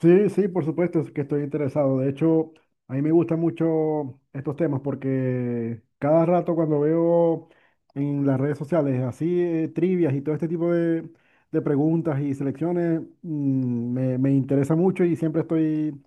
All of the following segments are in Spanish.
Sí, sí, por supuesto es que estoy interesado. De hecho, a mí me gustan mucho estos temas porque cada rato cuando veo en las redes sociales así trivias y todo este tipo de preguntas y selecciones, me interesa mucho y siempre estoy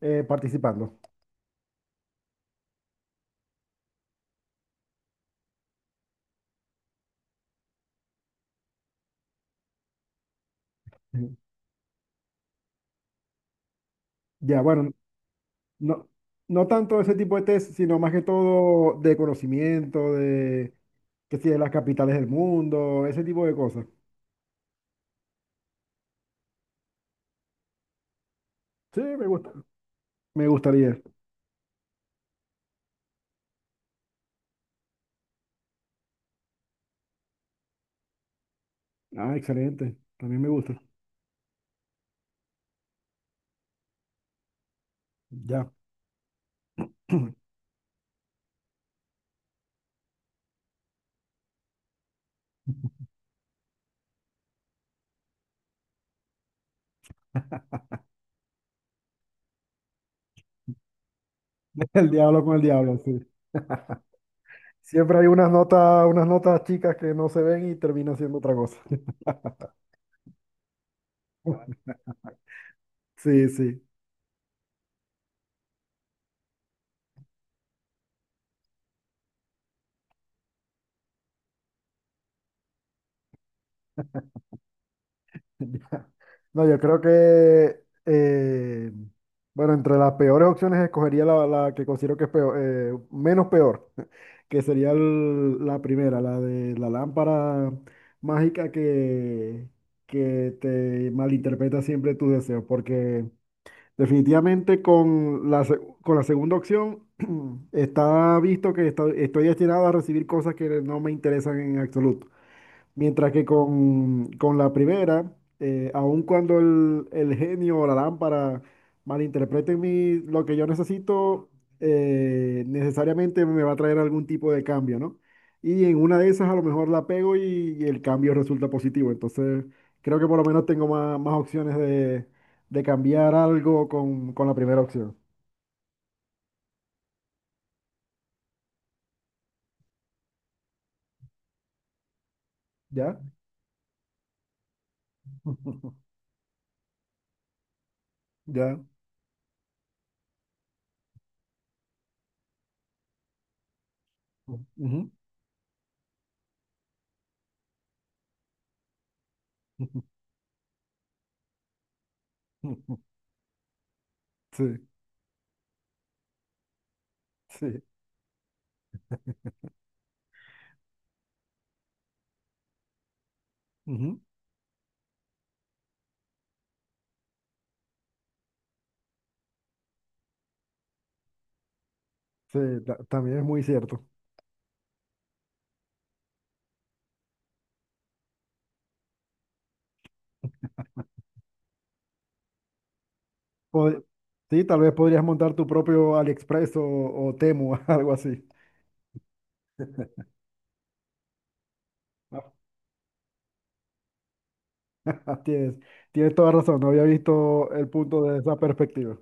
participando. Ujú. Ya, bueno, no, no tanto ese tipo de test, sino más que todo de conocimiento, de que si de las capitales del mundo, ese tipo de cosas. Sí, me gusta, me gustaría. Ah, excelente. También me gusta. Ya. El diablo con el diablo, sí. Siempre hay unas notas chicas que no se ven y termina siendo otra cosa. Sí, sí. Ya. No, yo creo que, bueno, entre las peores opciones escogería la que considero que es peor, menos peor, que sería la primera, la de la lámpara mágica que te malinterpreta siempre tus deseos, porque definitivamente con con la segunda opción está visto que estoy destinado a recibir cosas que no me interesan en absoluto. Mientras que con la primera, aun cuando el genio o la lámpara malinterpreten lo que yo necesito, necesariamente me va a traer algún tipo de cambio, ¿no? Y en una de esas a lo mejor la pego y el cambio resulta positivo. Entonces, creo que por lo menos tengo más, más opciones de cambiar algo con la primera opción. ¿Ya? ¿Ya? Ujú. Sí, sí. Ujú. Sí, también es muy cierto. pod- sí, tal vez podrías montar tu propio AliExpress o Temu, algo así. Tienes, tienes toda razón, no había visto el punto desde esa perspectiva.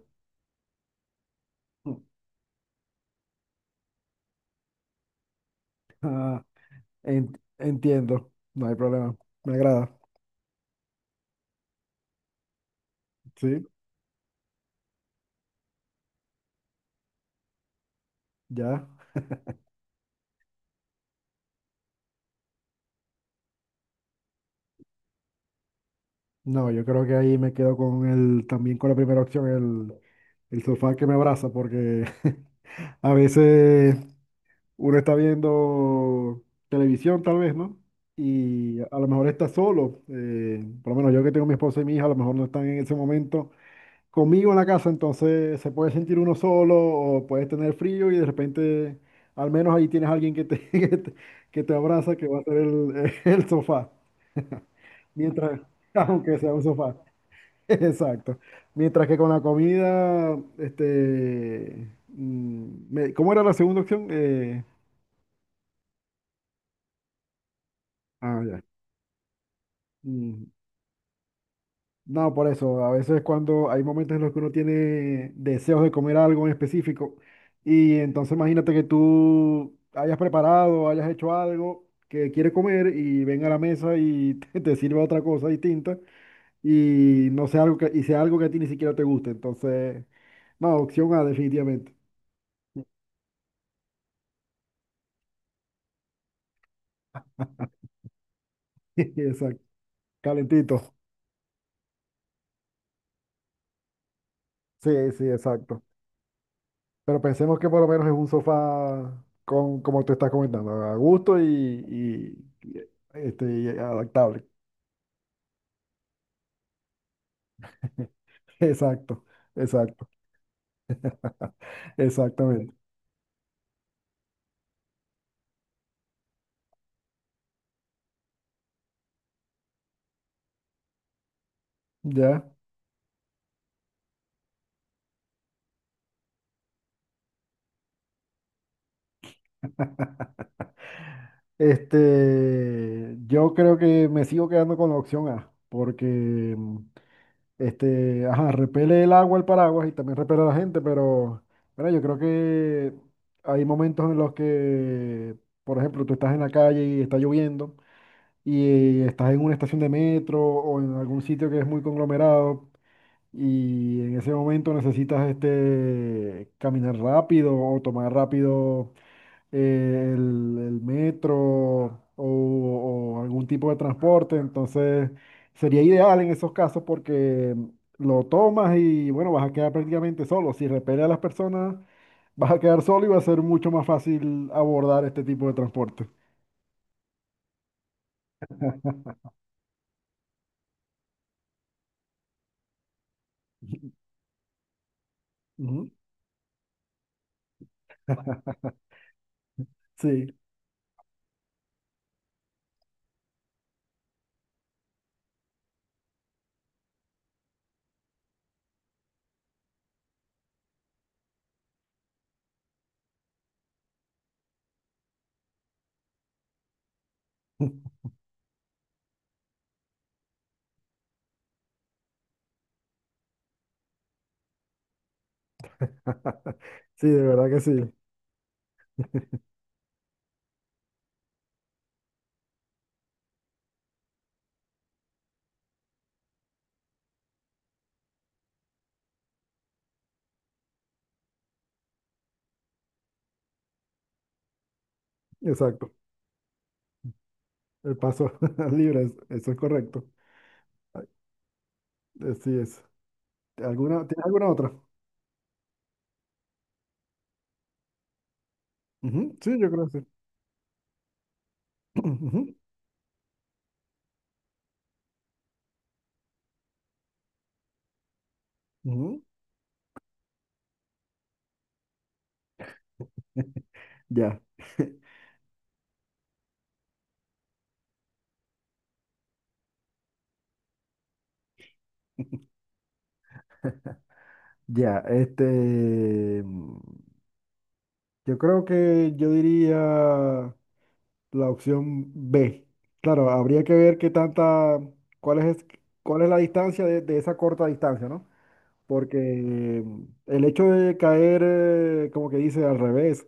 Ah, entiendo, no hay problema, me agrada. Sí, ya. No, yo creo que ahí me quedo con también con la primera opción, el sofá que me abraza, porque a veces uno está viendo televisión tal vez, ¿no? Y a lo mejor está solo. Por lo menos yo que tengo mi esposa y mi hija, a lo mejor no están en ese momento conmigo en la casa, entonces se puede sentir uno solo o puedes tener frío y de repente al menos ahí tienes a alguien que te abraza, que va a ser el sofá. Mientras, aunque sea un sofá. Exacto. Mientras que con la comida, este, ¿cómo era la segunda opción? Ah, ya. Mm, no, por eso, a veces cuando hay momentos en los que uno tiene deseos de comer algo en específico y entonces imagínate que tú hayas preparado, hayas hecho algo que quiere comer y venga a la mesa y te sirva otra cosa distinta y no sea algo que, y sea algo que a ti ni siquiera te guste. Entonces, no, opción A definitivamente. Exacto, calentito. Sí, sí, exacto. Pero pensemos que por lo menos es un sofá con, como tú estás comentando, a gusto y, este, y adaptable. Exacto, exacto, exactamente. Ya. Este, yo creo que me sigo quedando con la opción A, porque este, ajá, repele el agua el paraguas y también repele a la gente, pero bueno, yo creo que hay momentos en los que, por ejemplo, tú estás en la calle y está lloviendo y estás en una estación de metro o en algún sitio que es muy conglomerado y en ese momento necesitas este, caminar rápido o tomar rápido el metro o algún tipo de transporte, entonces sería ideal en esos casos porque lo tomas y bueno, vas a quedar prácticamente solo. Si repele a las personas, vas a quedar solo y va a ser mucho más fácil abordar este tipo de transporte. Ujú, sí. Sí, de verdad que sí. Exacto. El paso libre, eso es correcto. Así es. ¿Alguna, ¿tienes alguna otra? Ujú, sí, yo creo que sí. Ujú, ujú. Ya. Ya, este, yo creo que yo diría la opción B. Claro, habría que ver qué tanta, cuál es, cuál es la distancia de esa corta distancia, ¿no? Porque el hecho de caer, como que dice, al revés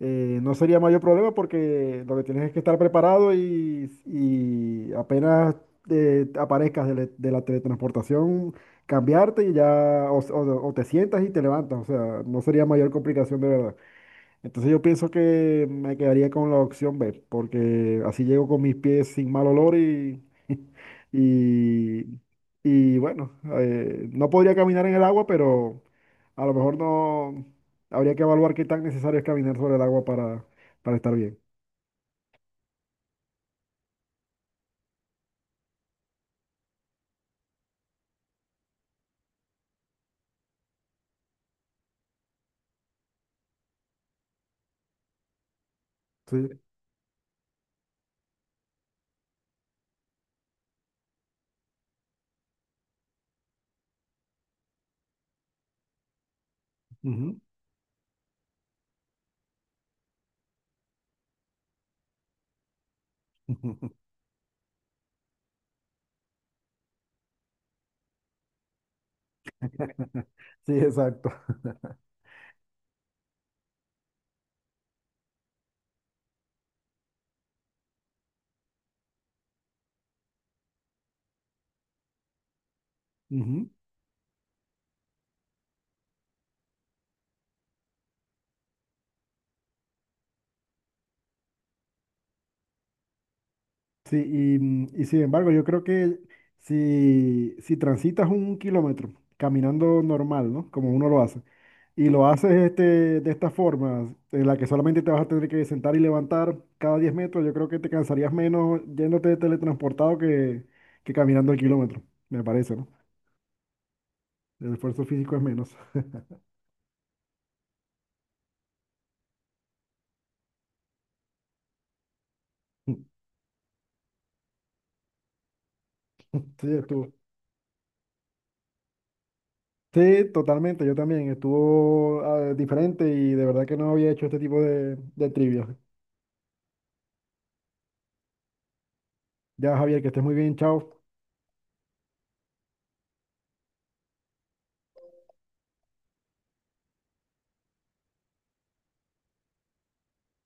no sería mayor problema porque lo que tienes es que estar preparado y apenas aparezcas de la teletransportación, cambiarte y ya, o, o te sientas y te levantas, o sea, no sería mayor complicación de verdad. Entonces yo pienso que me quedaría con la opción B, porque así llego con mis pies sin mal olor y, y, y bueno, no podría caminar en el agua, pero a lo mejor no habría que evaluar qué tan necesario es caminar sobre el agua para estar bien. Sí, ujú. Sí, exacto. Ujú. Sí, y, y sin embargo, yo creo que si, si transitas un kilómetro caminando normal, ¿no? Como uno lo hace, y lo haces este, de esta forma, en la que solamente te vas a tener que sentar y levantar cada 10 metros, yo creo que te cansarías menos yéndote de teletransportado que caminando el kilómetro, me parece, ¿no? El esfuerzo físico es menos. Sí, estuvo. Sí, totalmente, yo también. Estuvo diferente y de verdad que no había hecho este tipo de trivia. Ya, Javier, que estés muy bien, chao.